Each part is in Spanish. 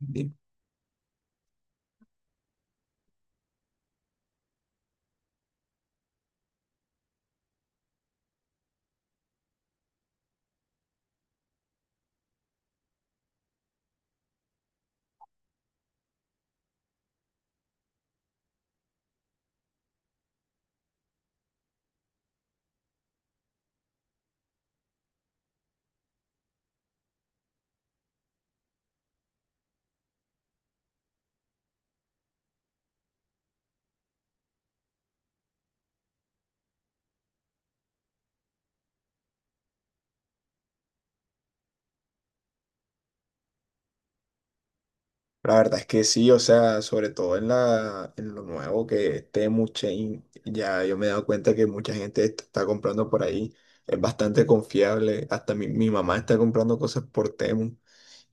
Bien. La verdad es que sí, o sea, sobre todo en lo nuevo que es Temu Chain, ya yo me he dado cuenta que mucha gente está comprando por ahí, es bastante confiable, hasta mi mamá está comprando cosas por Temu.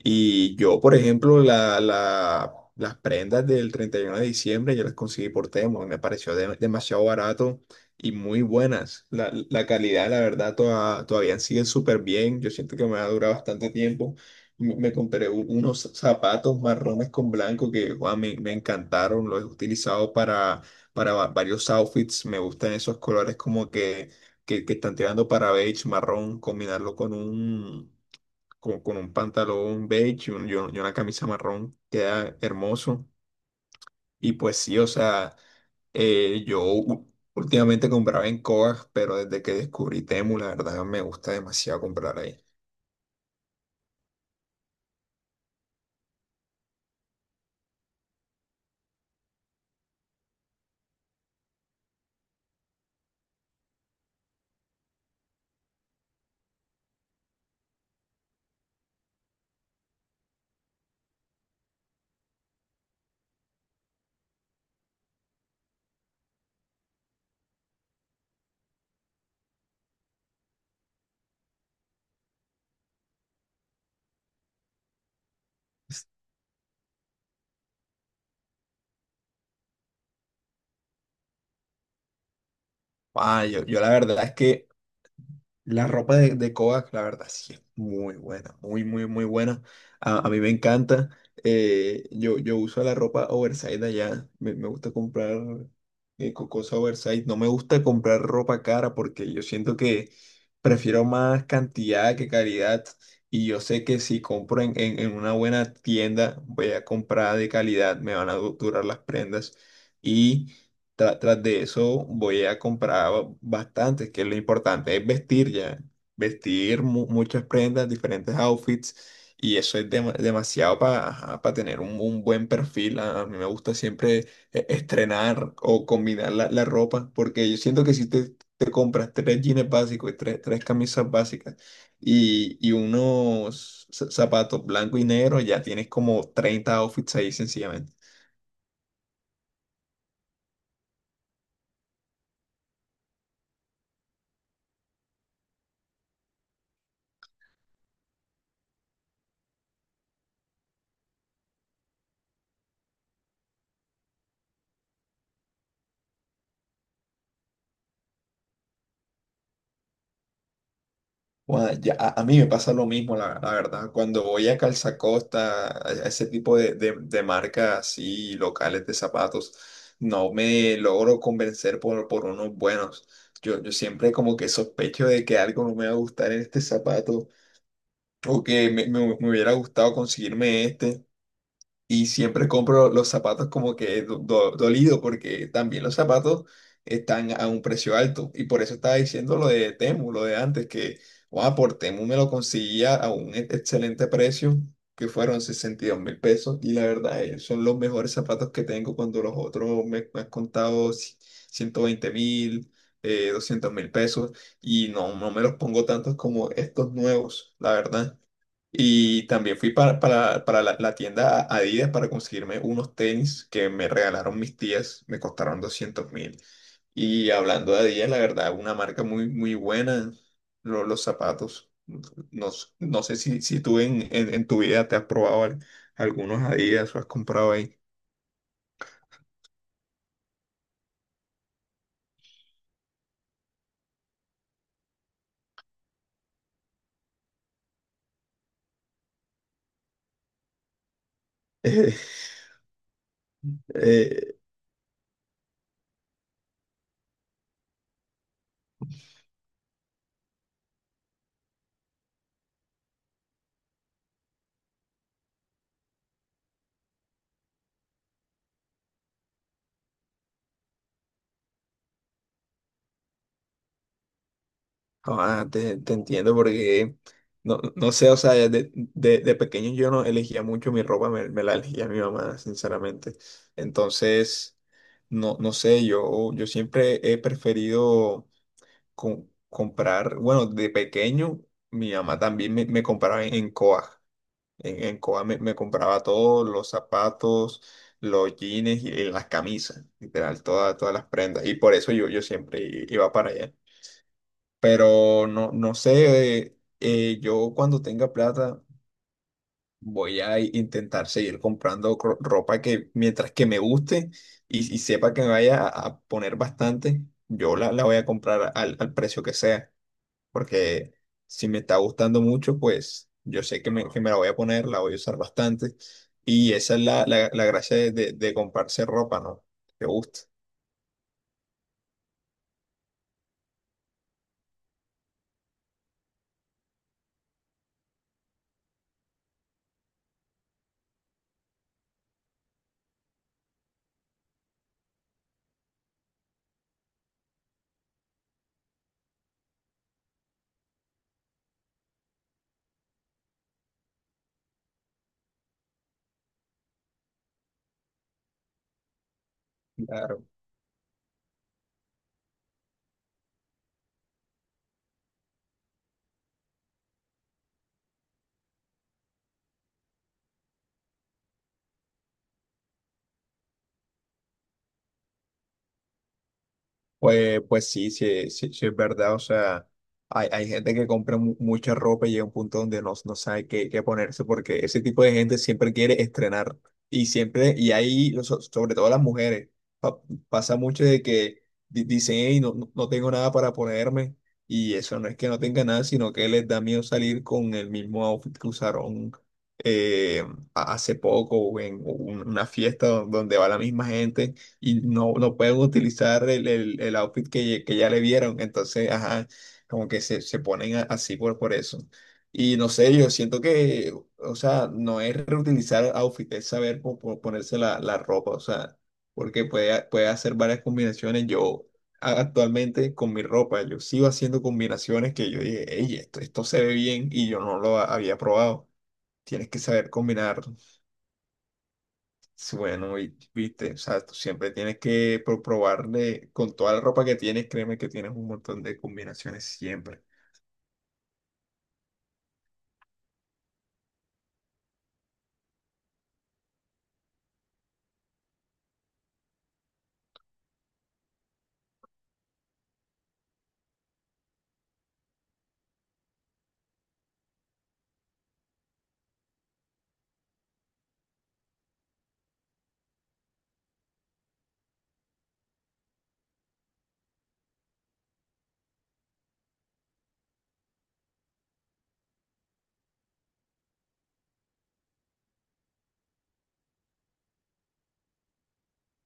Y yo, por ejemplo, las prendas del 31 de diciembre yo las conseguí por Temo y me pareció demasiado barato y muy buenas. La calidad, la verdad, todavía sigue súper bien. Yo siento que me ha durado bastante tiempo. Me compré unos zapatos marrones con blanco que guau, me encantaron. Los he utilizado para varios outfits. Me gustan esos colores como que están tirando para beige, marrón, combinarlo con un como con un pantalón beige y una camisa marrón, queda hermoso. Y pues sí, o sea, yo últimamente compraba en Coag, pero desde que descubrí Temu, la verdad me gusta demasiado comprar ahí. Yo la verdad es que la ropa de Kodak, la verdad, sí es muy buena, muy, muy, muy buena. A mí me encanta. Yo uso la ropa oversize de allá. Me gusta comprar cosa oversize. No me gusta comprar ropa cara porque yo siento que prefiero más cantidad que calidad. Y yo sé que si compro en una buena tienda, voy a comprar de calidad, me van a durar las prendas. y Tras de eso voy a comprar bastantes, que es lo importante, es vestir ya, vestir muchas prendas, diferentes outfits, y eso es demasiado para tener un buen perfil. A mí me gusta siempre estrenar o combinar la ropa, porque yo siento que si te compras tres jeans básicos y tres camisas básicas y unos zapatos blanco y negro, ya tienes como 30 outfits ahí sencillamente. Guau, ya, a mí me pasa lo mismo, la verdad. Cuando voy a Calzacosta, a ese tipo de marcas así locales de zapatos, no me logro convencer por unos buenos. Yo siempre como que sospecho de que algo no me va a gustar en este zapato o que me hubiera gustado conseguirme este y siempre compro los zapatos como que dolido porque también los zapatos están a un precio alto y por eso estaba diciendo lo de Temu, lo de antes que guau, por Temu me lo conseguía a un excelente precio que fueron 62 mil pesos y la verdad son los mejores zapatos que tengo cuando los otros me han contado 120 mil. 200 mil pesos y no, no me los pongo tantos como estos nuevos, la verdad. Y también fui para la tienda Adidas para conseguirme unos tenis que me regalaron mis tías, me costaron 200.000. Y hablando de Adidas, la verdad, una marca muy, muy buena, los zapatos. No, no sé si, si tú en tu vida te has probado algunos Adidas o has comprado ahí. Eh, No, ah, te entiendo porque no, no sé, o sea, de pequeño yo no elegía mucho mi ropa, me la elegía mi mamá, sinceramente. Entonces, no, no sé, yo siempre he preferido comprar, bueno, de pequeño mi mamá también me compraba en Coag. En Coa me compraba todos los zapatos, los jeans y las camisas, literal, todas, todas las prendas. Y por eso yo siempre iba para allá. Pero no, no sé, yo cuando tenga plata voy a intentar seguir comprando ropa que mientras que me guste y sepa que me vaya a poner bastante, yo la voy a comprar al precio que sea, porque si me está gustando mucho, pues yo sé que que me la voy a poner, la voy a usar bastante y esa es la gracia de comprarse ropa, ¿no? Que te gusta. Pues, pues sí, sí, sí, sí es verdad. O sea, hay gente que compra mucha ropa y llega a un punto donde no, no sabe qué, qué ponerse porque ese tipo de gente siempre quiere estrenar. Y siempre, y ahí, sobre todo las mujeres, pa- pasa mucho de que dicen, hey, no, no no tengo nada para ponerme. Y eso no es que no tenga nada, sino que les da miedo salir con el mismo outfit que usaron eh, hace poco o en una fiesta donde va la misma gente y no, no pueden utilizar el outfit que ya le vieron. Entonces, ajá, como que se ponen así por eso. Y no sé, yo siento que, o sea, no es reutilizar outfit, es saber ponerse la ropa, o sea, porque puede, puede hacer varias combinaciones. Yo actualmente con mi ropa, yo sigo haciendo combinaciones que yo dije, hey, esto se ve bien y yo no lo había probado. Tienes que saber combinar. Sí, bueno, y, viste, o sea, tú siempre tienes que probarle con toda la ropa que tienes, créeme que tienes un montón de combinaciones siempre.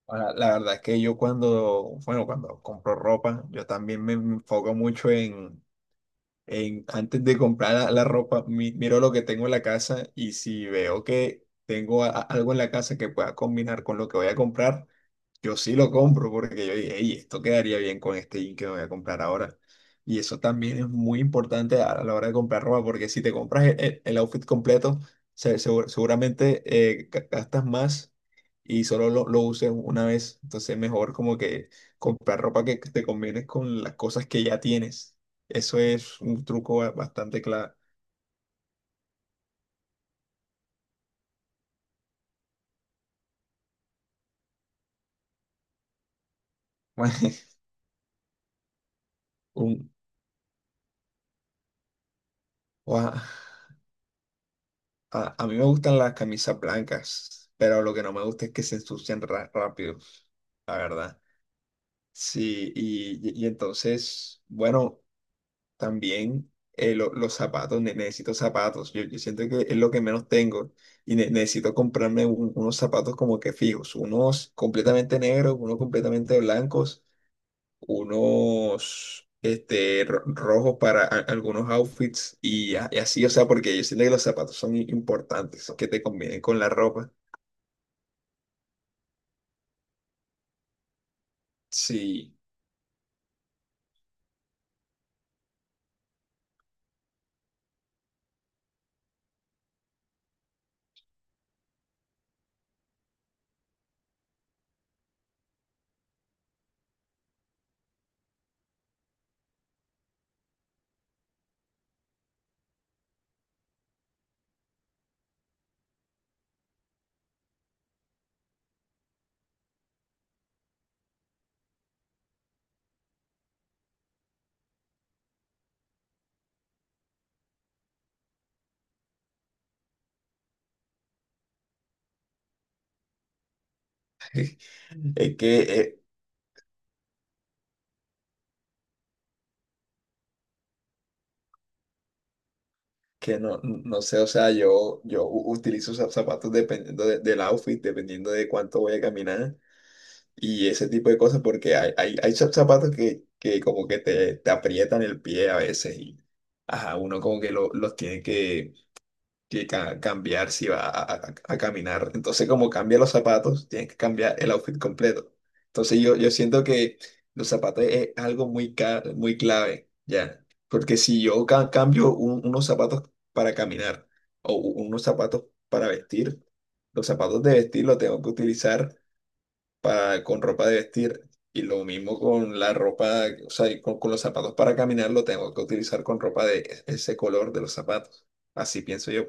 Ahora, la verdad es que yo cuando, bueno, cuando compro ropa, yo también me enfoco mucho antes de comprar la ropa, miro lo que tengo en la casa y si veo que tengo algo en la casa que pueda combinar con lo que voy a comprar, yo sí lo compro porque yo dije, hey, esto quedaría bien con este jean que me voy a comprar ahora. Y eso también es muy importante a la hora de comprar ropa, porque si te compras el outfit completo, seguramente gastas más y solo lo uses una vez. Entonces es mejor como que comprar ropa que te combines con las cosas que ya tienes. Eso es un truco bastante claro. Un, ua- a a mí me gustan las camisas blancas, pero lo que no me gusta es que se ensucian rápido, la verdad. Sí, y entonces, bueno, también los zapatos, necesito zapatos. Yo siento que es lo que menos tengo y necesito comprarme unos zapatos como que fijos, unos completamente negros, unos completamente blancos unos este, rojos para algunos outfits y, y así, o sea, porque yo siento que los zapatos son importantes, que te combinen con la ropa. Sí, es que no, no sé, o sea, yo utilizo zapatos dependiendo del outfit, dependiendo de cuánto voy a caminar y ese tipo de cosas, porque hay zapatos que como que te aprietan el pie a veces y, ajá, uno como que los tiene que cambiar si va a, a caminar. Entonces, como cambia los zapatos, tiene que cambiar el outfit completo. Entonces, yo siento que los zapatos es algo muy, muy clave, ¿ya? Porque si yo cambio unos zapatos para caminar o unos zapatos para vestir, los zapatos de vestir los tengo que utilizar para, con ropa de vestir. Y lo mismo con la ropa, o sea, y con los zapatos para caminar, lo tengo que utilizar con ropa de ese color de los zapatos. Así pienso yo.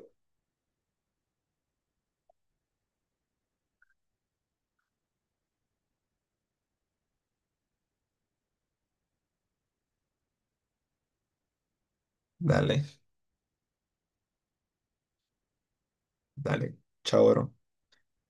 Dale, dale. Chao, bro.